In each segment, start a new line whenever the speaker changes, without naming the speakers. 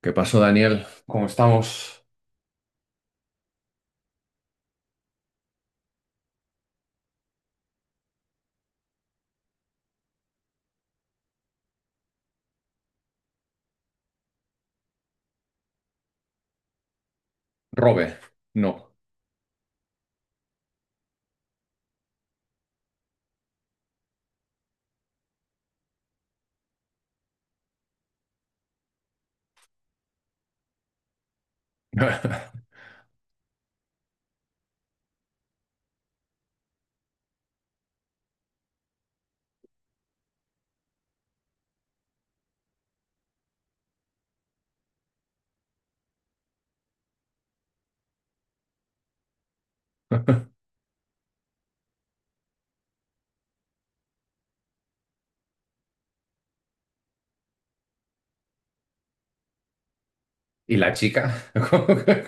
¿Qué pasó, Daniel? ¿Cómo estamos? Robe, no. ¿Y la chica?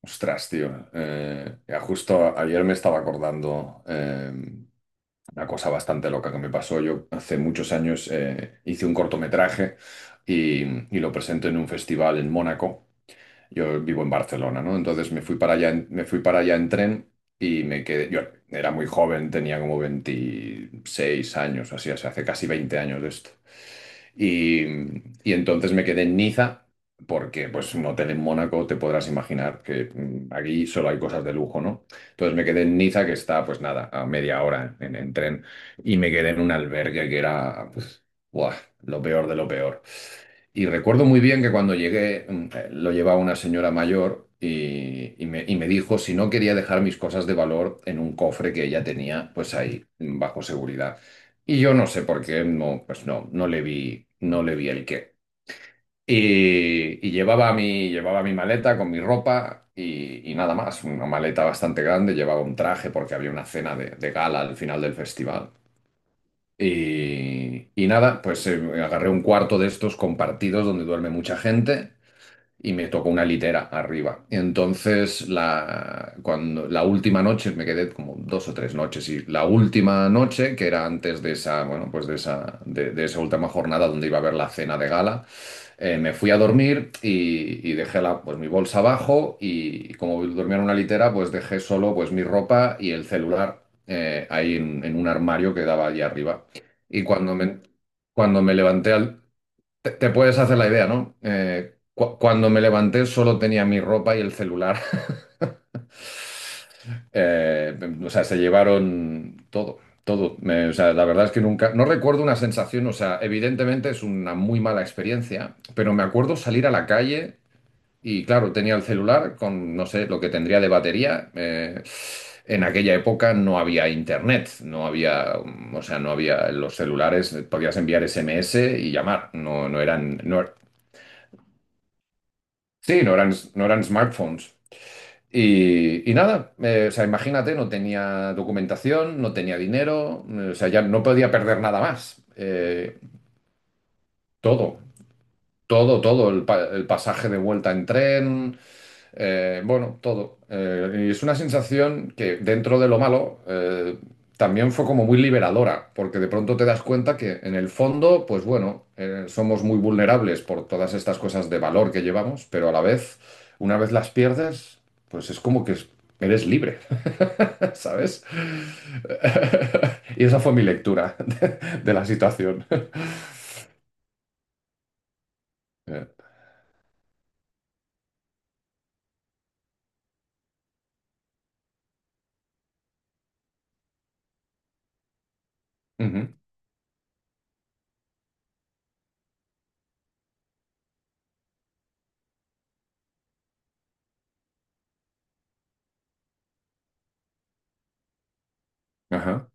Ostras, tío. Ya justo ayer me estaba acordando una cosa bastante loca que me pasó. Yo hace muchos años hice un cortometraje y, y lo presenté en un festival en Mónaco. Yo vivo en Barcelona, ¿no? Entonces me fui para allá en tren y me quedé. Yo era muy joven, tenía como 26 años, así, o sea, hace casi 20 años de esto. Y, y entonces me quedé en Niza porque, pues, un hotel en Mónaco te podrás imaginar que, aquí solo hay cosas de lujo, ¿no? Entonces me quedé en Niza, que está, pues nada, a media hora en tren, y me quedé en un albergue que era, pues, buah, lo peor de lo peor. Y recuerdo muy bien que cuando llegué, lo llevaba una señora mayor y me dijo si no quería dejar mis cosas de valor en un cofre que ella tenía pues ahí, bajo seguridad. Y yo no sé por qué, no, pues no, no le vi el qué. Llevaba mi maleta con mi ropa y nada más, una maleta bastante grande, llevaba un traje porque había una cena de gala al final del festival. Y nada, agarré un cuarto de estos compartidos donde duerme mucha gente y me tocó una litera arriba. Entonces, la última noche, me quedé como dos o tres noches, y la última noche, que era antes de esa, bueno, de esa última jornada donde iba a haber la cena de gala, me fui a dormir y dejé pues, mi bolsa abajo y como dormía en una litera, pues dejé solo pues, mi ropa y el celular, en un armario que daba allí arriba. Y cuando me, Cuando me levanté al... Te puedes hacer la idea, ¿no? Cuando me levanté solo tenía mi ropa y el celular. Eh, o sea, se llevaron todo, todo. O sea, la verdad es que nunca, no recuerdo una sensación, o sea, evidentemente es una muy mala experiencia, pero me acuerdo salir a la calle y claro, tenía el celular con, no sé, lo que tendría de batería. En aquella época no había internet, no había, mm, o sea, no había los celulares, podías enviar SMS y llamar, no, no eran, no, Sí, no eran smartphones. Y nada, O sea, imagínate, no tenía documentación, no tenía dinero, o sea, ya no podía perder nada más. Todo, Todo, el pasaje de vuelta en tren, bueno, todo. Y es una sensación que dentro de lo malo, también fue como muy liberadora, porque de pronto te das cuenta que en el fondo, pues bueno, somos muy vulnerables por todas estas cosas de valor que llevamos, pero a la vez, una vez las pierdes, pues es como que es- eres libre, ¿sabes? Y esa fue mi lectura de la situación. Eh, ujú, ajá.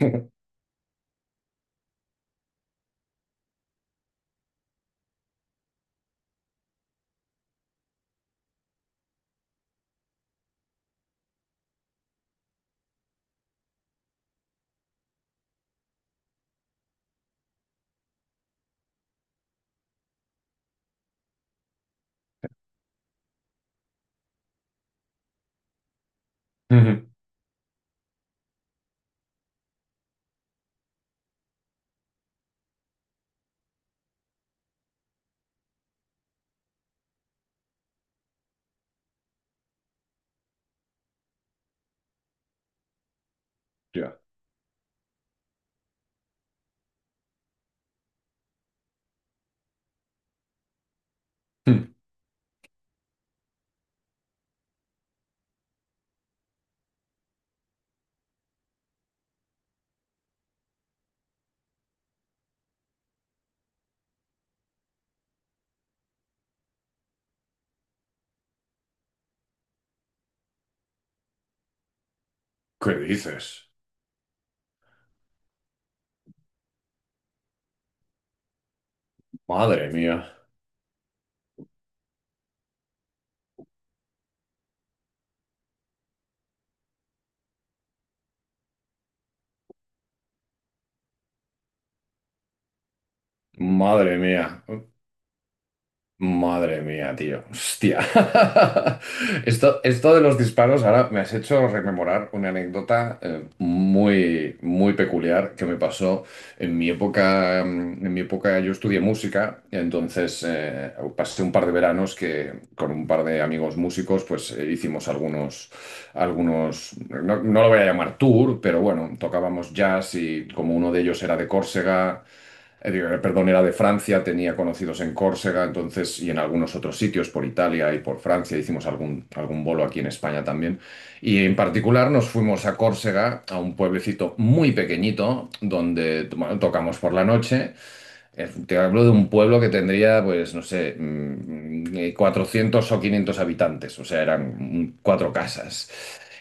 Ujú. Ya. Hmm. ¿Qué dices? Madre mía. Madre mía, madre mía, tío. Hostia. Esto de los disparos, ahora me has hecho rememorar una anécdota, muy, muy peculiar que me pasó en mi época. En mi época yo estudié música, entonces pasé un par de veranos que con un par de amigos músicos, pues hicimos algunos, algunos, no, no lo voy a llamar tour, pero bueno, tocábamos jazz y como uno de ellos era de Córcega, perdón, era de Francia, tenía conocidos en Córcega, entonces, y en algunos otros sitios, por Italia y por Francia, hicimos algún, algún bolo aquí en España también. Y en particular nos fuimos a Córcega, a un pueblecito muy pequeñito, donde bueno, tocamos por la noche. Te hablo de un pueblo que tendría, pues, no sé, 400 o 500 habitantes, o sea, eran, cuatro casas.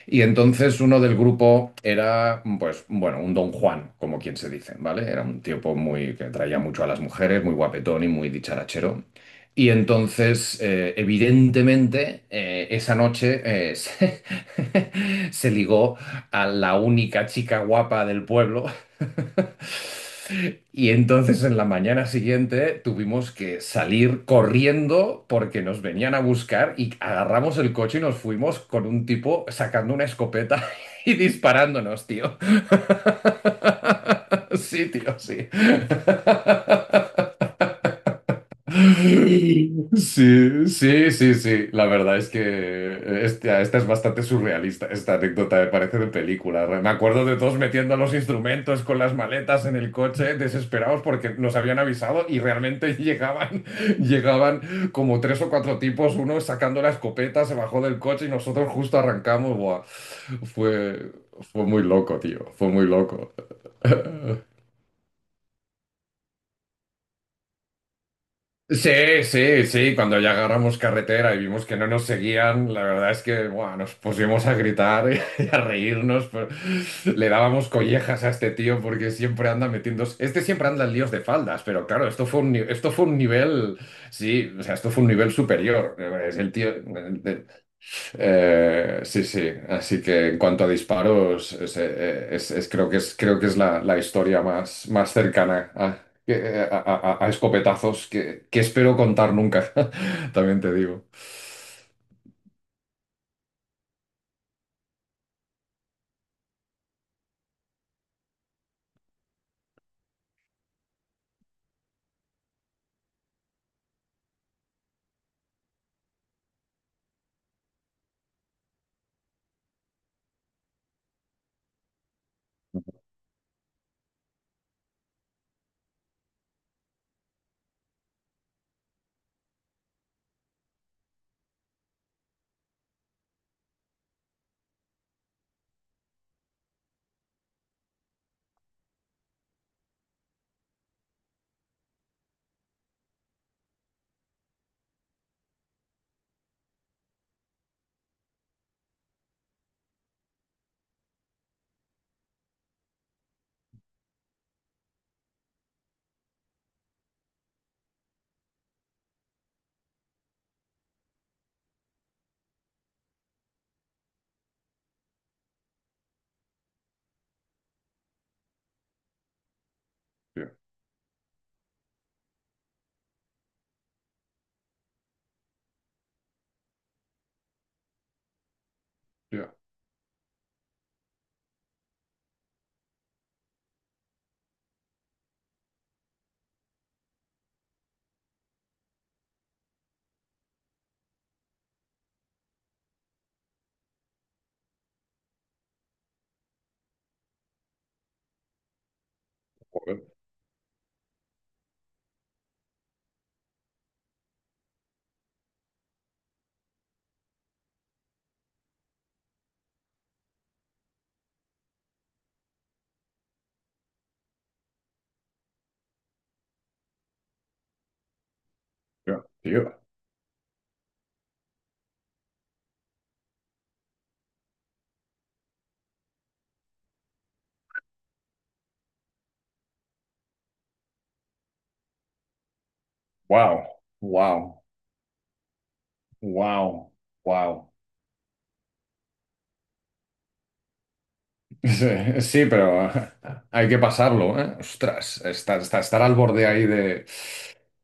Y entonces uno del grupo era, pues, bueno, un don Juan, como quien se dice, ¿vale? Era un tipo muy que traía mucho a las mujeres, muy guapetón y muy dicharachero. Y entonces, evidentemente, esa noche, se ligó a la única chica guapa del pueblo y entonces en la mañana siguiente tuvimos que salir corriendo porque nos venían a buscar y agarramos el coche y nos fuimos con un tipo sacando una escopeta y disparándonos, tío. Sí, tío, sí. Sí, sí, sí, sí. La verdad es que esta es bastante surrealista, esta anécdota me parece de película. Me acuerdo de todos metiendo los instrumentos con las maletas en el coche, desesperados porque nos habían avisado y realmente, llegaban como tres o cuatro tipos, uno sacando la escopeta, se bajó del coche y nosotros justo arrancamos. Buah. Fue, Fue muy loco, tío, fue muy loco. Sí, sí, sí, cuando ya agarramos carretera y vimos que no nos seguían, la verdad es que buah, nos pusimos a gritar y a reírnos, pero le dábamos collejas a este tío porque siempre anda metiendo, este siempre anda en líos de faldas, pero claro, esto fue un, ni- esto fue un nivel, sí, o sea, esto fue un nivel superior. Es el tío, sí, sí. Así que en cuanto a disparos, es, creo que es la, la historia más, más cercana a, que- a- a escopetazos que espero contar nunca. También te digo. Tío, tío, joder, tío, tío. Wow, wow, wow, wow. Sí, sí, pero hay que pasarlo, ¿eh? Ostras, estar, al borde ahí de...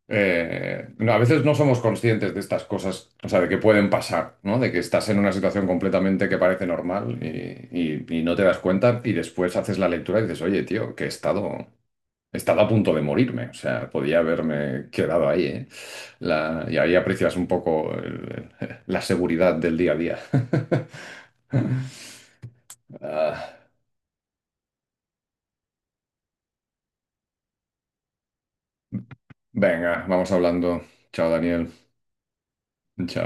No, a veces no somos conscientes de estas cosas, o sea, de que pueden pasar, ¿no? De que estás en una situación completamente que parece normal y no te das cuenta y después haces la lectura y dices, oye, tío, he estado a punto de morirme, o sea, podía haberme quedado ahí, ¿eh? Y ahí aprecias un poco la seguridad del día a día. Ah, venga, vamos hablando. Chao, Daniel. Chao.